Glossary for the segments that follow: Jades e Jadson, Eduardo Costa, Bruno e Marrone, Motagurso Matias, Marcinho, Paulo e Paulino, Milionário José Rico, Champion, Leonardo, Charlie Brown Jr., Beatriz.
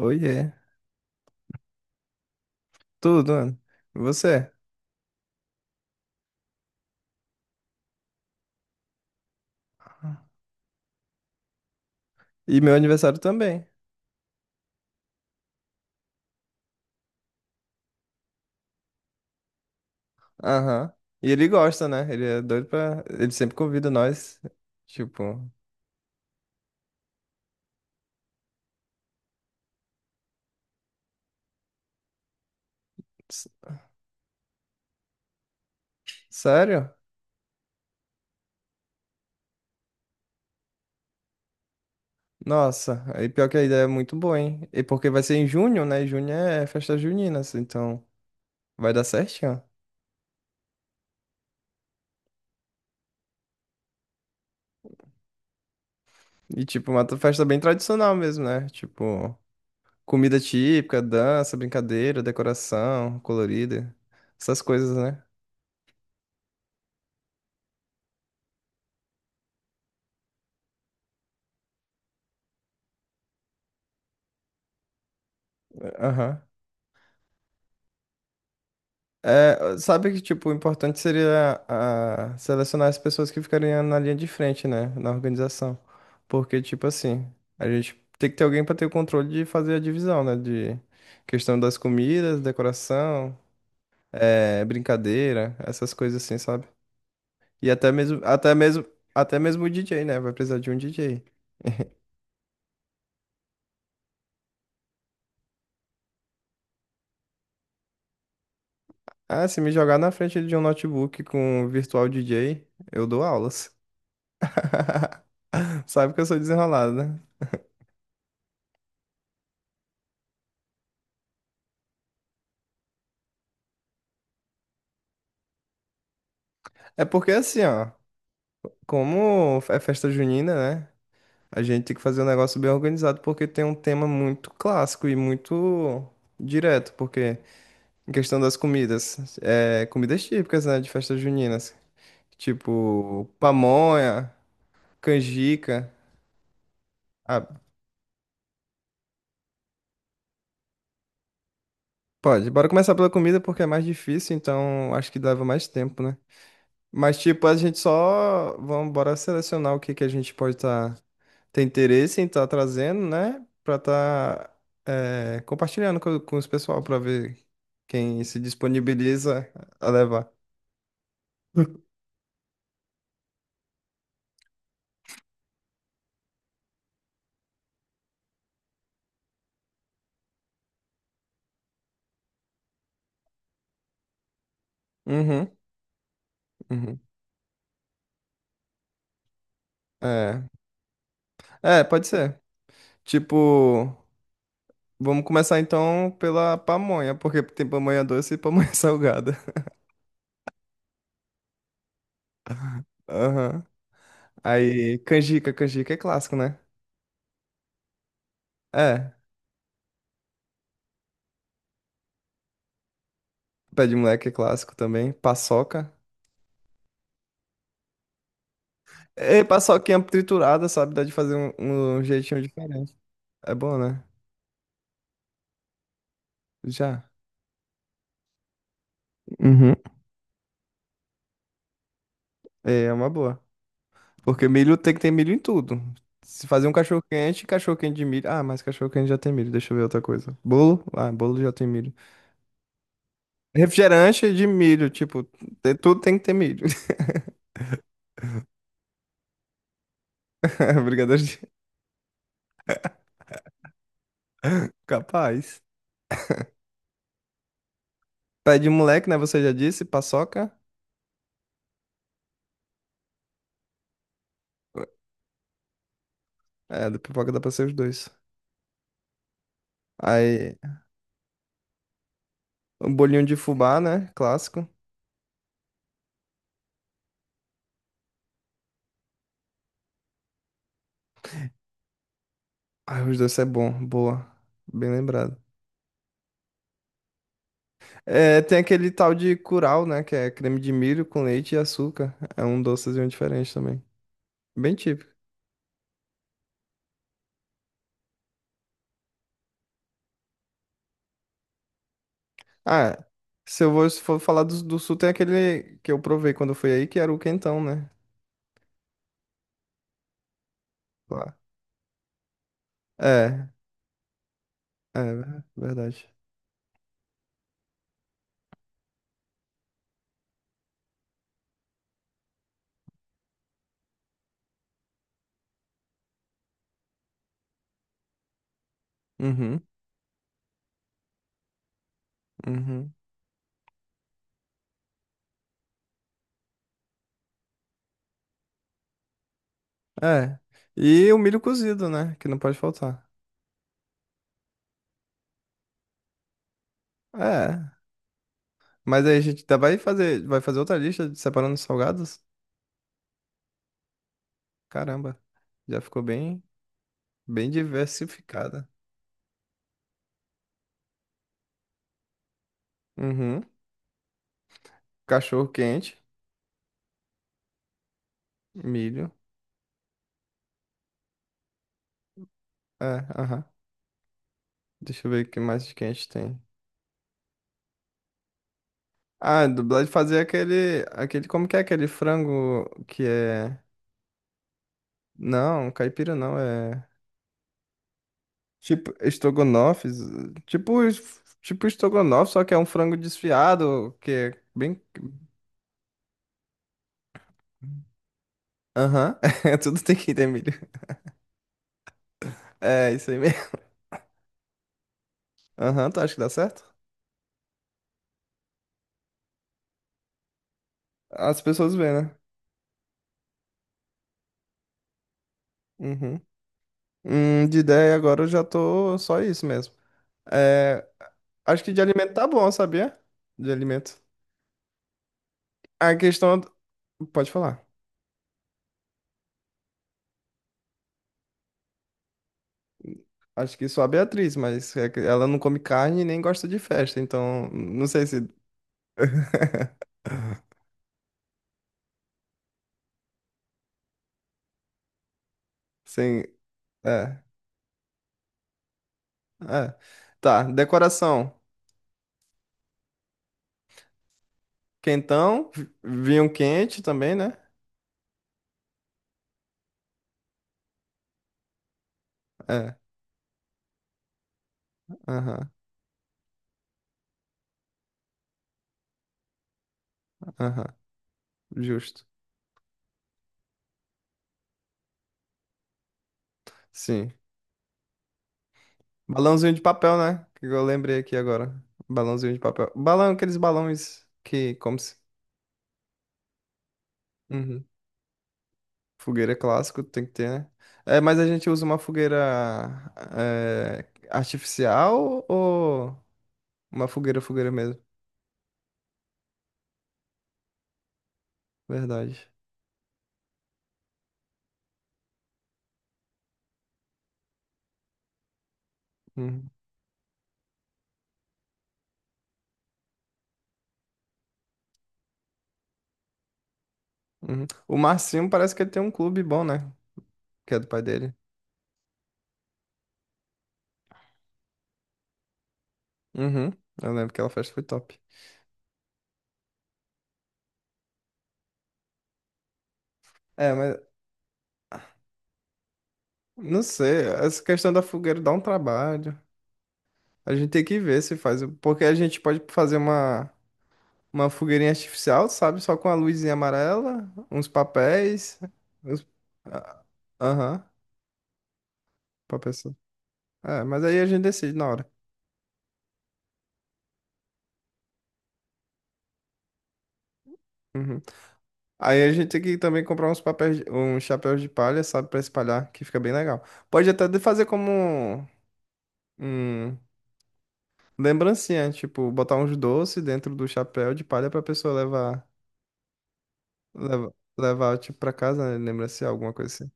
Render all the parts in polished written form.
Oiê. Tudo, mano. E você? E meu aniversário também. Aham. E ele gosta, né? Ele é doido pra. Ele sempre convida nós. Tipo. s- Sério? Nossa. Aí pior que a ideia é muito boa, hein? E porque vai ser em junho, né? Junho é festa junina, assim, então vai dar certinho. E, tipo, uma festa bem tradicional mesmo, né? Tipo, comida típica, dança, brincadeira, decoração colorida. Essas coisas, né? Aham. É, sabe que, tipo, o importante seria selecionar as pessoas que ficariam na linha de frente, né, na organização. Porque, tipo assim, a gente tem que ter alguém para ter o controle de fazer a divisão, né, de questão das comidas, decoração, brincadeira, essas coisas assim, sabe? E até mesmo, até mesmo, até mesmo o DJ, né, vai precisar de um DJ. Ah, se me jogar na frente de um notebook com um virtual DJ, eu dou aulas. Sabe que eu sou desenrolado, né? É porque assim, ó. Como é festa junina, né? A gente tem que fazer um negócio bem organizado porque tem um tema muito clássico e muito direto, porque em questão das comidas, é, comidas típicas, né, de festas juninas, tipo pamonha, canjica. Ah, pode, bora começar pela comida porque é mais difícil, então acho que leva mais tempo, né? Mas tipo, a gente só vamos bora selecionar o que que a gente pode estar tem interesse em estar trazendo, né? Pra estar compartilhando com os pessoal para ver quem se disponibiliza a levar. Uhum, uhum. É. É, pode ser. Tipo, vamos começar então pela pamonha, porque tem pamonha doce e pamonha salgada. Aham. Aí, canjica, canjica é clássico, né? É. Pé de moleque é clássico também. Paçoca. E paçoquinha triturada, sabe? Dá de fazer um, um jeitinho diferente. É bom, né? Já. Uhum. É uma boa. Porque milho tem que ter milho em tudo. Se fazer um cachorro quente de milho. Ah, mas cachorro quente já tem milho. Deixa eu ver outra coisa. Bolo? Ah, bolo já tem milho. Refrigerante de milho, tipo, tudo tem que ter milho. Brigadeiro de... Capaz. Pé de moleque, né? Você já disse, paçoca. É, da pipoca dá pra ser os dois. Aí, um bolinho de fubá, né? Clássico. Ai, os dois é bom, boa. Bem lembrado. É, tem aquele tal de curau, né? Que é creme de milho com leite e açúcar. É um docezinho diferente também. Bem típico. Ah, se eu vou, se for falar do, do sul, tem aquele que eu provei quando eu fui aí, que era o quentão, né? Lá. É, verdade. Uhum, uhum. É. E o milho cozido, né? Que não pode faltar. É. Mas aí a gente vai fazer outra lista de separando os salgados? Caramba, já ficou bem, bem diversificada. Uhum. Cachorro quente. Milho. É, aham. Deixa eu ver o que mais que a gente tem. Ah, dublagem fazer aquele, aquele. Como que é aquele frango que é. Não, caipira não, é. Tipo estrogonofe. Tipo, tipo estrogonofe, só que é um frango desfiado, que é bem. Aham. Tudo tem que ter milho. É, isso aí mesmo. Aham, tu acha que dá certo? As pessoas veem, né? Uhum. De ideia agora eu já tô só isso mesmo. É, acho que de alimento tá bom, sabia? De alimento. A questão. Pode falar. Acho que só a Beatriz, mas é que ela não come carne e nem gosta de festa, então não sei se. Sim. É, é. Tá, decoração. Quentão, vinho quente também, né? É, aham, aham, justo. Sim. Balãozinho de papel, né? Que eu lembrei aqui agora. Balãozinho de papel. Balão, aqueles balões que, como se... Uhum. Fogueira é clássico, tem que ter, né? É, mas a gente usa uma fogueira é, artificial ou uma fogueira, fogueira mesmo? Verdade. Uhum, uhum. O Marcinho parece que ele tem um clube bom, né? Que é do pai dele. Uhum, eu lembro que aquela festa foi top. É, mas não sei, essa questão da fogueira dá um trabalho. A gente tem que ver se faz, porque a gente pode fazer uma fogueirinha artificial, sabe? Só com a luzinha amarela, uns papéis. uns- ah, Aham. Pra pessoa. É, mas aí a gente decide na hora. Uhum. Aí a gente tem que também comprar uns papéis, uns chapéus de palha, sabe, pra espalhar, que fica bem legal. Pode até fazer como um lembrancinha, tipo, botar uns doces dentro do chapéu de palha pra pessoa levar, leva- levar, tipo, pra casa, né, lembrancinha, alguma coisa assim.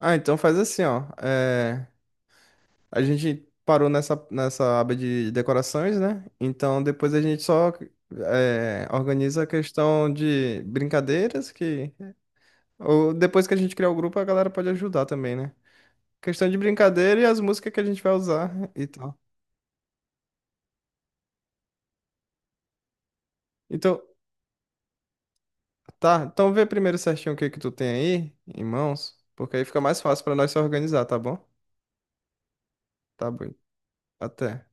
Ah, então faz assim, ó. A gente parou nessa, nessa aba de decorações, né? Então depois a gente só organiza a questão de brincadeiras que Ou depois que a gente criar o grupo, a galera pode ajudar também, né? Questão de brincadeira e as músicas que a gente vai usar e tal. Então, tá. Então vê primeiro certinho o que que tu tem aí em mãos, porque aí fica mais fácil pra nós se organizar, tá bom? Tá bom. Até.